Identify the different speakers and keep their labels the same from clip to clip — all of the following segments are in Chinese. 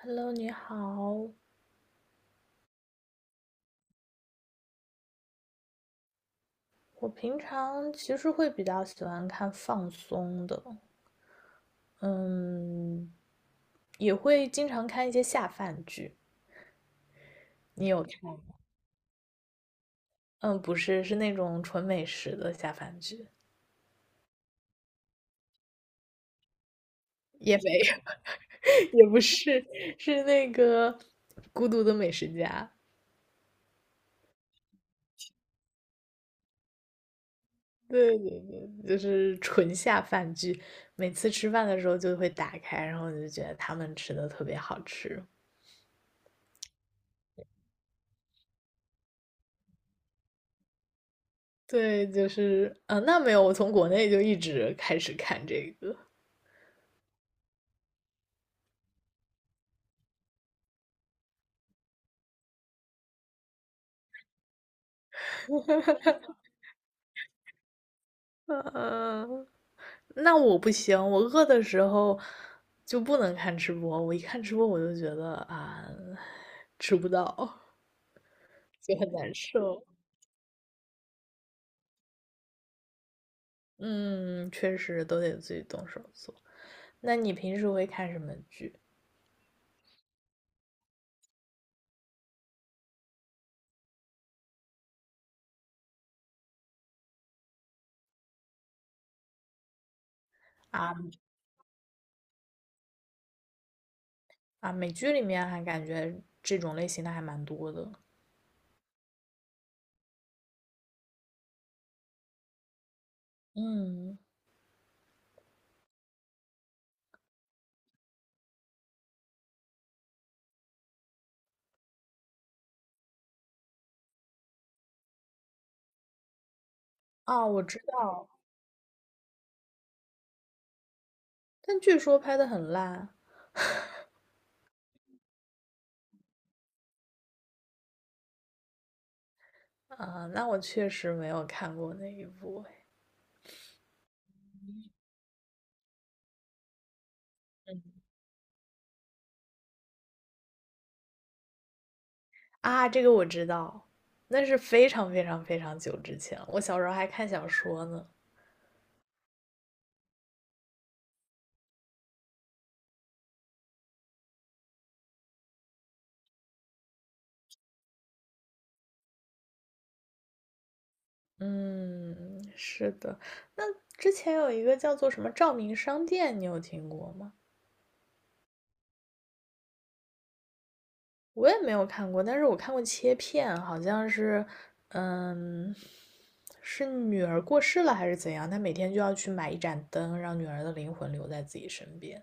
Speaker 1: Hello，你好。我平常其实会比较喜欢看放松的，嗯，也会经常看一些下饭剧。你有看？嗯，不是，是那种纯美食的下饭剧，也没有，也不是，是那个《孤独的美食家》。对对对，就是纯下饭剧。每次吃饭的时候就会打开，然后我就觉得他们吃的特别好吃。对，就是，那没有，我从国内就一直开始看这个。嗯、那我不行，我饿的时候就不能看直播，我一看直播我就觉得吃不到，就很难受。嗯，确实都得自己动手做。那你平时会看什么剧啊？啊，美剧里面还感觉这种类型的还蛮多的。嗯，啊，我知道，但据说拍的很烂。啊，那我确实没有看过那一部哎。嗯，啊，这个我知道，那是非常非常非常久之前了，我小时候还看小说呢。嗯，是的。那之前有一个叫做什么《照明商店》，你有听过吗？我也没有看过，但是我看过切片，好像是，嗯，是女儿过世了还是怎样，她每天就要去买一盏灯，让女儿的灵魂留在自己身边。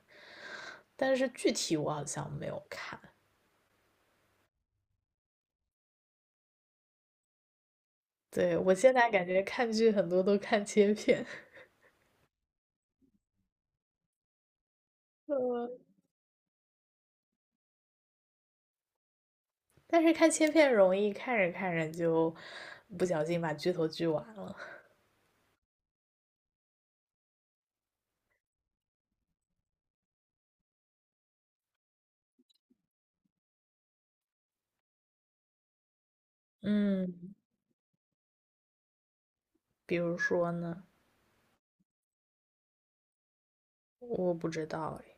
Speaker 1: 但是具体我好像没有看。对，我现在感觉看剧很多都看切片。嗯，但是看切片容易看着看着就不小心把剧头剧完了。嗯，比如说呢，我不知道诶。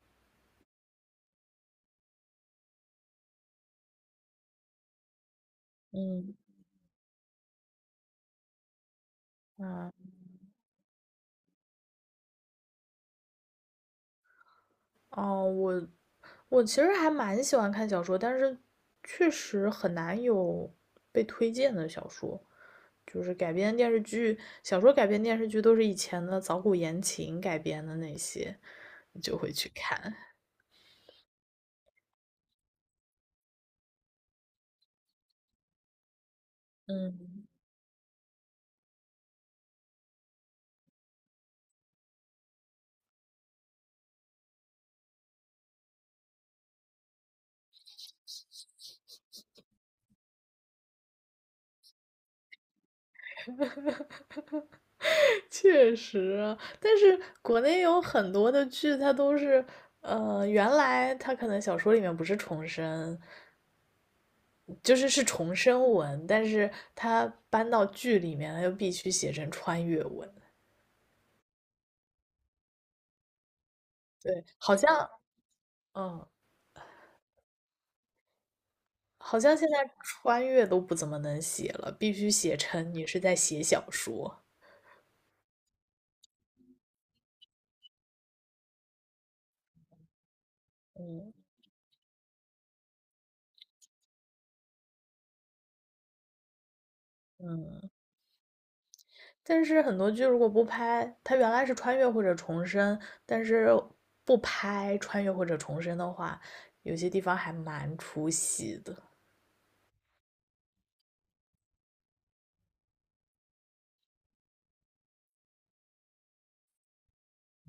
Speaker 1: 嗯啊哦，我我其实还蛮喜欢看小说，但是确实很难有被推荐的小说，就是改编电视剧，小说改编电视剧都是以前的早古言情改编的那些，你就会去看。嗯。确实啊，但是国内有很多的剧，它都是，原来它可能小说里面不是重生，就是是重生文，但是它搬到剧里面，它又必须写成穿越文。对，好像，嗯，好像现在穿越都不怎么能写了，必须写成你是在写小说。嗯嗯。但是很多剧如果不拍，它原来是穿越或者重生，但是不拍穿越或者重生的话，有些地方还蛮出戏的。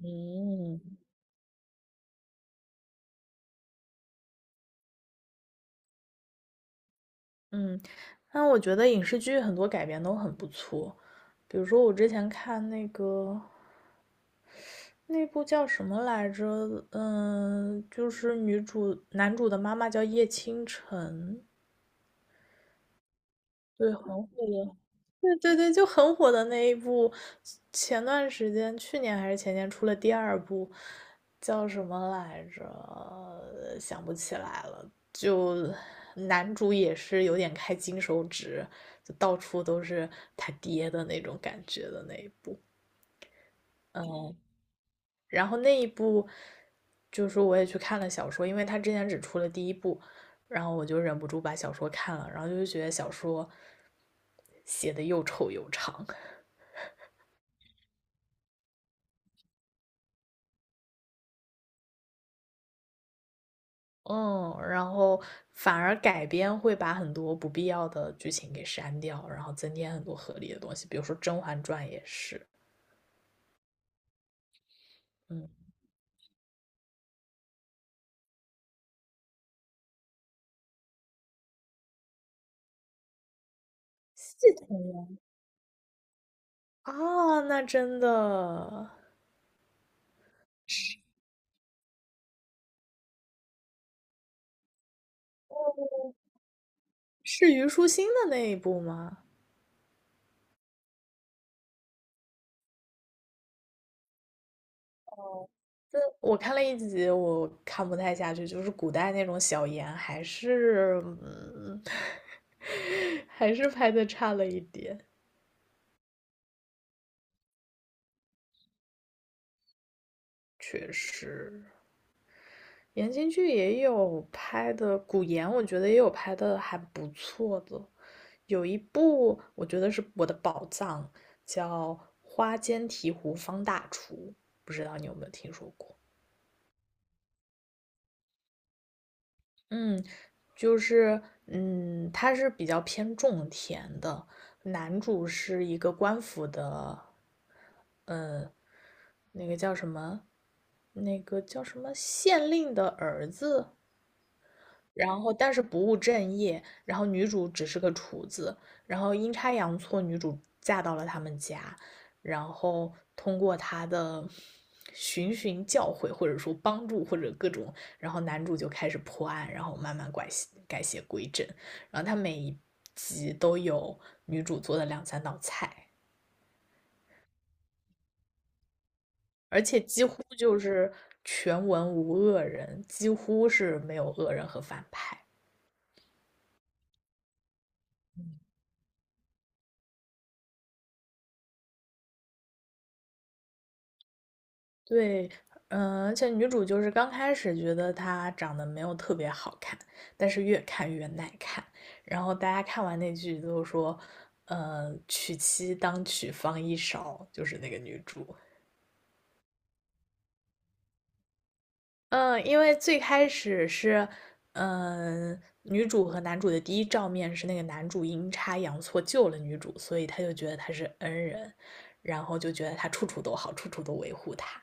Speaker 1: 嗯，嗯，那我觉得影视剧很多改编都很不错，比如说我之前看那个那部叫什么来着？嗯，就是女主男主的妈妈叫叶倾城。对，很火的。对对对，就很火的那一部，前段时间，去年还是前年出了第二部，叫什么来着？想不起来了。就男主也是有点开金手指，就到处都是他爹的那种感觉的那一部。然后那一部，就是我也去看了小说，因为他之前只出了第一部，然后我就忍不住把小说看了，然后就觉得小说写的又丑又长。嗯，然后反而改编会把很多不必要的剧情给删掉，然后增添很多合理的东西，比如说《甄嬛传》也是。嗯，系统呀，啊，那真的是虞书欣的那一部吗？这我看了一集，我看不太下去，就是古代那种小言，还是,还是拍的差了一点。确实，言情剧也有拍的，古言我觉得也有拍的还不错的，有一部我觉得是我的宝藏，叫《花间提壶方大厨》，不知道你有没有听说过？嗯，就是它是比较偏种田的，男主是一个官府的那个叫什么，那个叫什么县令的儿子，然后但是不务正业，然后女主只是个厨子，然后阴差阳错，女主嫁到了他们家，然后通过她的循循教诲，或者说帮助，或者各种，然后男主就开始破案，然后慢慢改邪归正，然后他每一集都有女主做的两三道菜，而且几乎就是全文无恶人，几乎是没有恶人和反派。对，而且女主就是刚开始觉得她长得没有特别好看，但是越看越耐看。然后大家看完那句都说，娶妻当娶方一勺，就是那个女主。嗯，因为最开始是，嗯、女主和男主的第一照面是那个男主阴差阳错救了女主，所以他就觉得她是恩人，然后就觉得他处处都好，处处都维护她。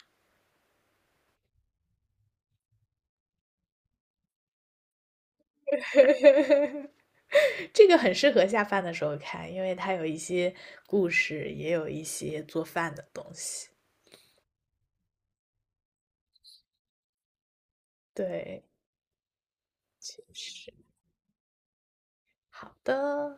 Speaker 1: 这个很适合下饭的时候看，因为它有一些故事，也有一些做饭的东西。对，是好的。